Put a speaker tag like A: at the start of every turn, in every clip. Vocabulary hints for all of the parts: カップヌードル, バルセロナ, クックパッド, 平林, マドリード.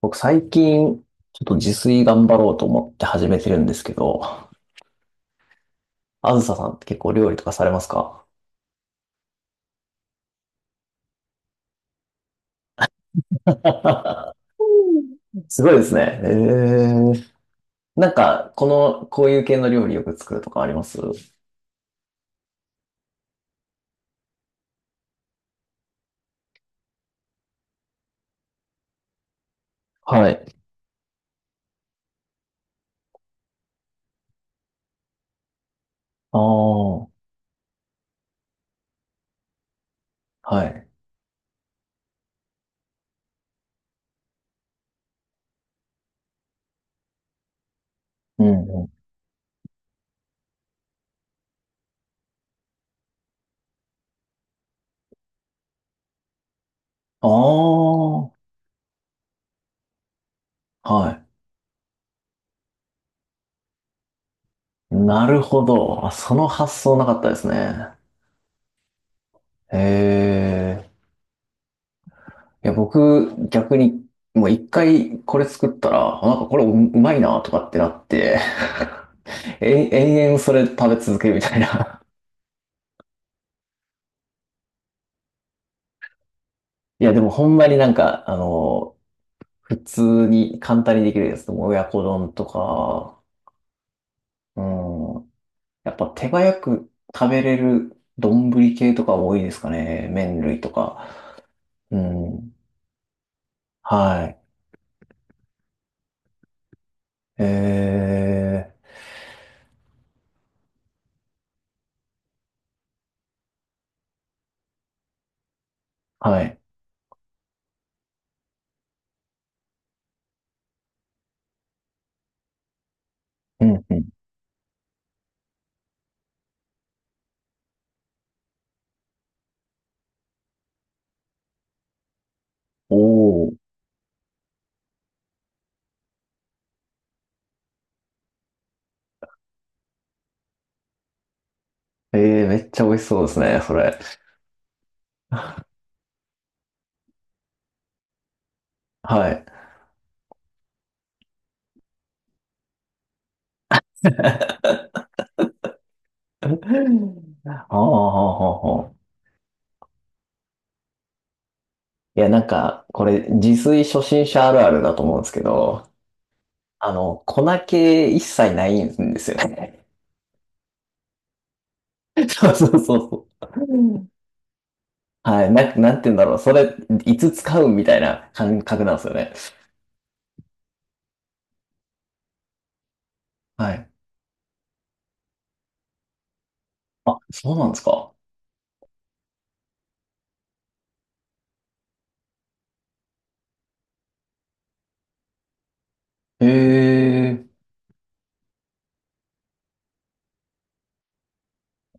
A: 僕最近、ちょっと自炊頑張ろうと思って始めてるんですけど、あずささんって結構料理とかされますか？ すごいですね。ー、こういう系の料理よく作るとかあります？はい。ああ、はい。うんうん。ああ、はい。なるほど。あ、その発想なかったですね。ええ。いや、僕、逆に、もう一回これ作ったら、あなんかこれううまいなとかってなって、え、延々それ食べ続けるみたいな。いや、でもほんまになんか、普通に簡単にできるやつでも親子丼とか、うん。やっぱ手早く食べれる丼系とか多いですかね。麺類とか。うん。はい。えー、はい。うんうん。おー。えー、めっちゃ美味しそうですね、それ。はい。ああ、はあ、はあ、はあ。いや、なんか、これ、自炊初心者あるあるだと思うんですけど、粉気一切ないんですよね。そうそうそうそう。はい。なんて言うんだろう。それ、いつ使うみたいな感覚なんですよね。はい。あ、そうなんですか。へえ。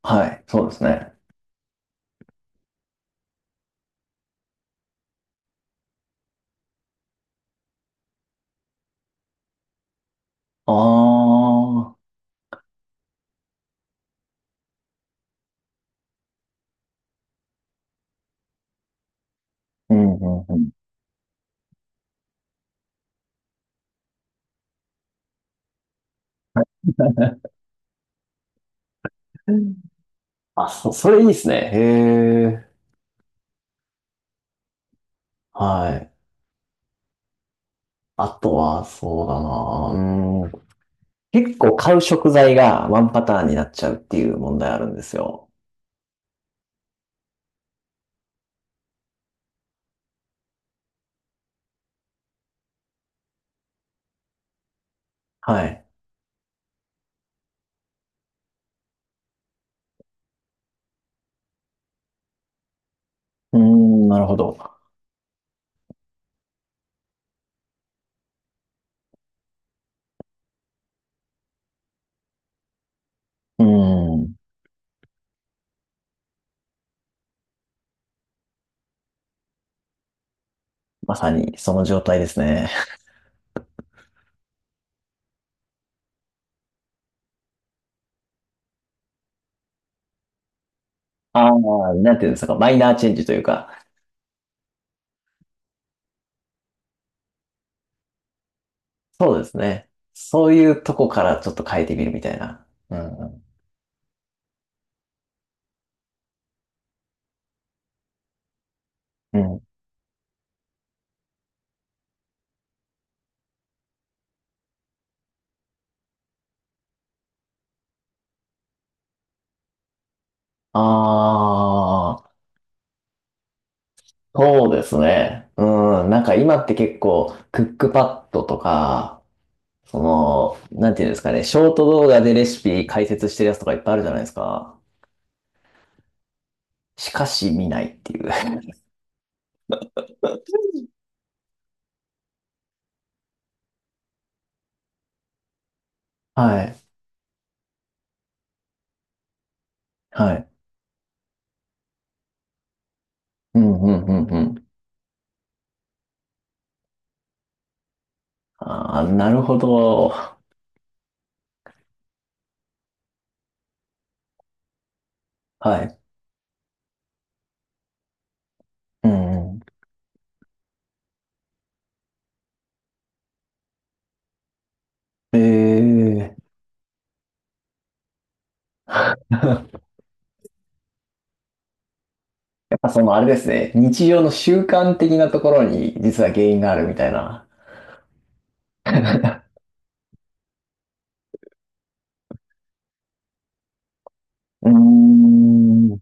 A: はい。そうですね。ああ。うんうんうん。それいいですね。へえ。はい。あとは、そうだな。うん。結構買う食材がワンパターンになっちゃうっていう問題あるんですよ。はい。うーん、なるほど。うん。まさにその状態ですね。ああ、なんていうんですか、マイナーチェンジというか、そうですね。そういうとこからちょっと変えてみるみたいな。うん、うん。うん。ああ、そうですね。うん。なんか今って結構、クックパッドとか、その、なんていうんですかね、ショート動画でレシピ解説してるやつとかいっぱいあるじゃないですか。しかし見ないっていう。はい。はい。うん、うん、うん、うん。ああ、なるほど。はい。うん、うん。ええ。 やっぱそのあれですね。日常の習慣的なところに実は原因があるみたいな。うーん。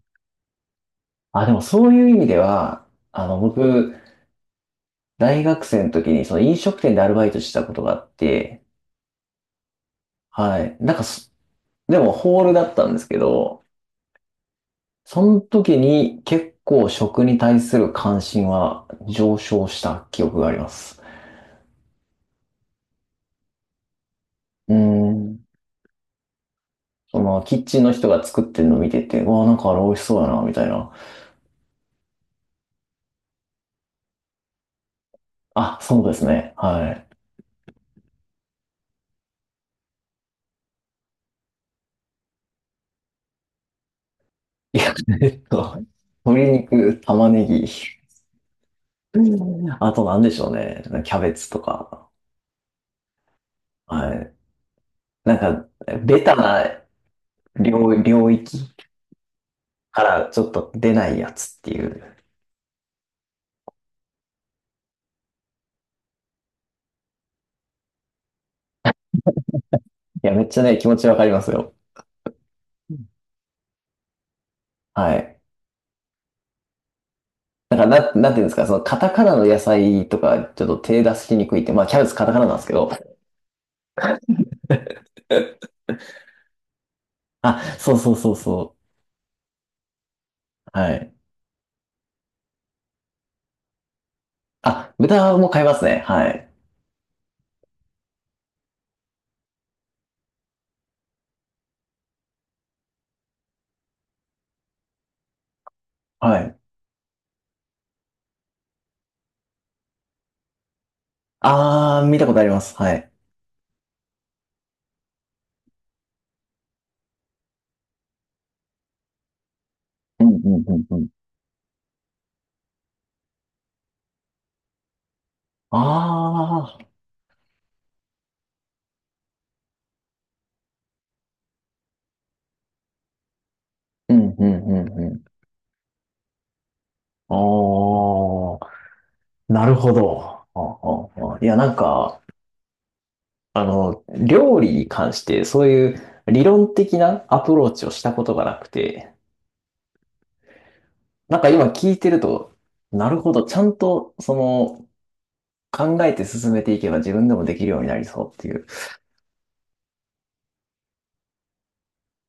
A: あ、でもそういう意味では、あの、僕、大学生の時にその飲食店でアルバイトしてたことがあって、はい。なんかそでもホールだったんですけど、その時に結構食に対する関心は上昇した記憶があります。うーん。その、キッチンの人が作ってるのを見てて、うわ、なんかあれ美味しそうやな、みたいな。あ、そうですね。はい。いや、えっと、鶏肉、玉ねぎ、あと何でしょうね。キャベツとか。はい。なんか、ベタな領域からちょっと出ないやつっていう。いや、めっちゃね、気持ちわかりますよ。はい。なんか、なんていうんですか、その、カタカナの野菜とか、ちょっと手出しにくいって、まあ、キャベツカタカナなんですけど。あ、そうそうそうそう。はい。あ、豚も買いますね。はい。はい。あー、見たことあります。はい。うんうんうんうん。ああ、うんうんうんうん。おー、なるほど。あああいや、なんか、あの、料理に関して、そういう理論的なアプローチをしたことがなくて、なんか今聞いてると、なるほど、ちゃんと、その、考えて進めていけば自分でもできるようになりそうっていう。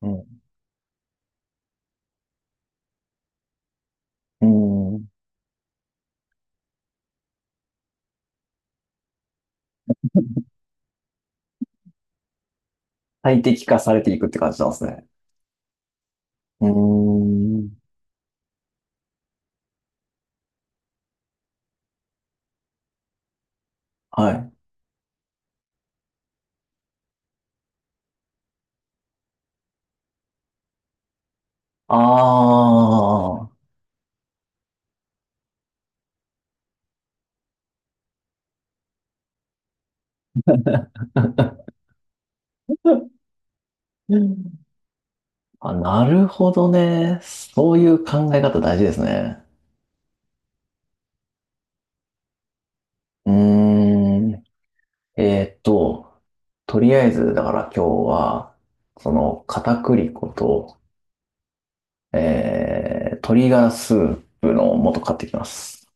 A: うん。うん。最適化されていくって感じなんですね。うーん。はい。ああ。あ、なるほどね。そういう考え方大事ですね。うーん。えーっと、とりあえず、だから今日は、その、片栗粉と、えー、鶏ガラスープの素買ってきます。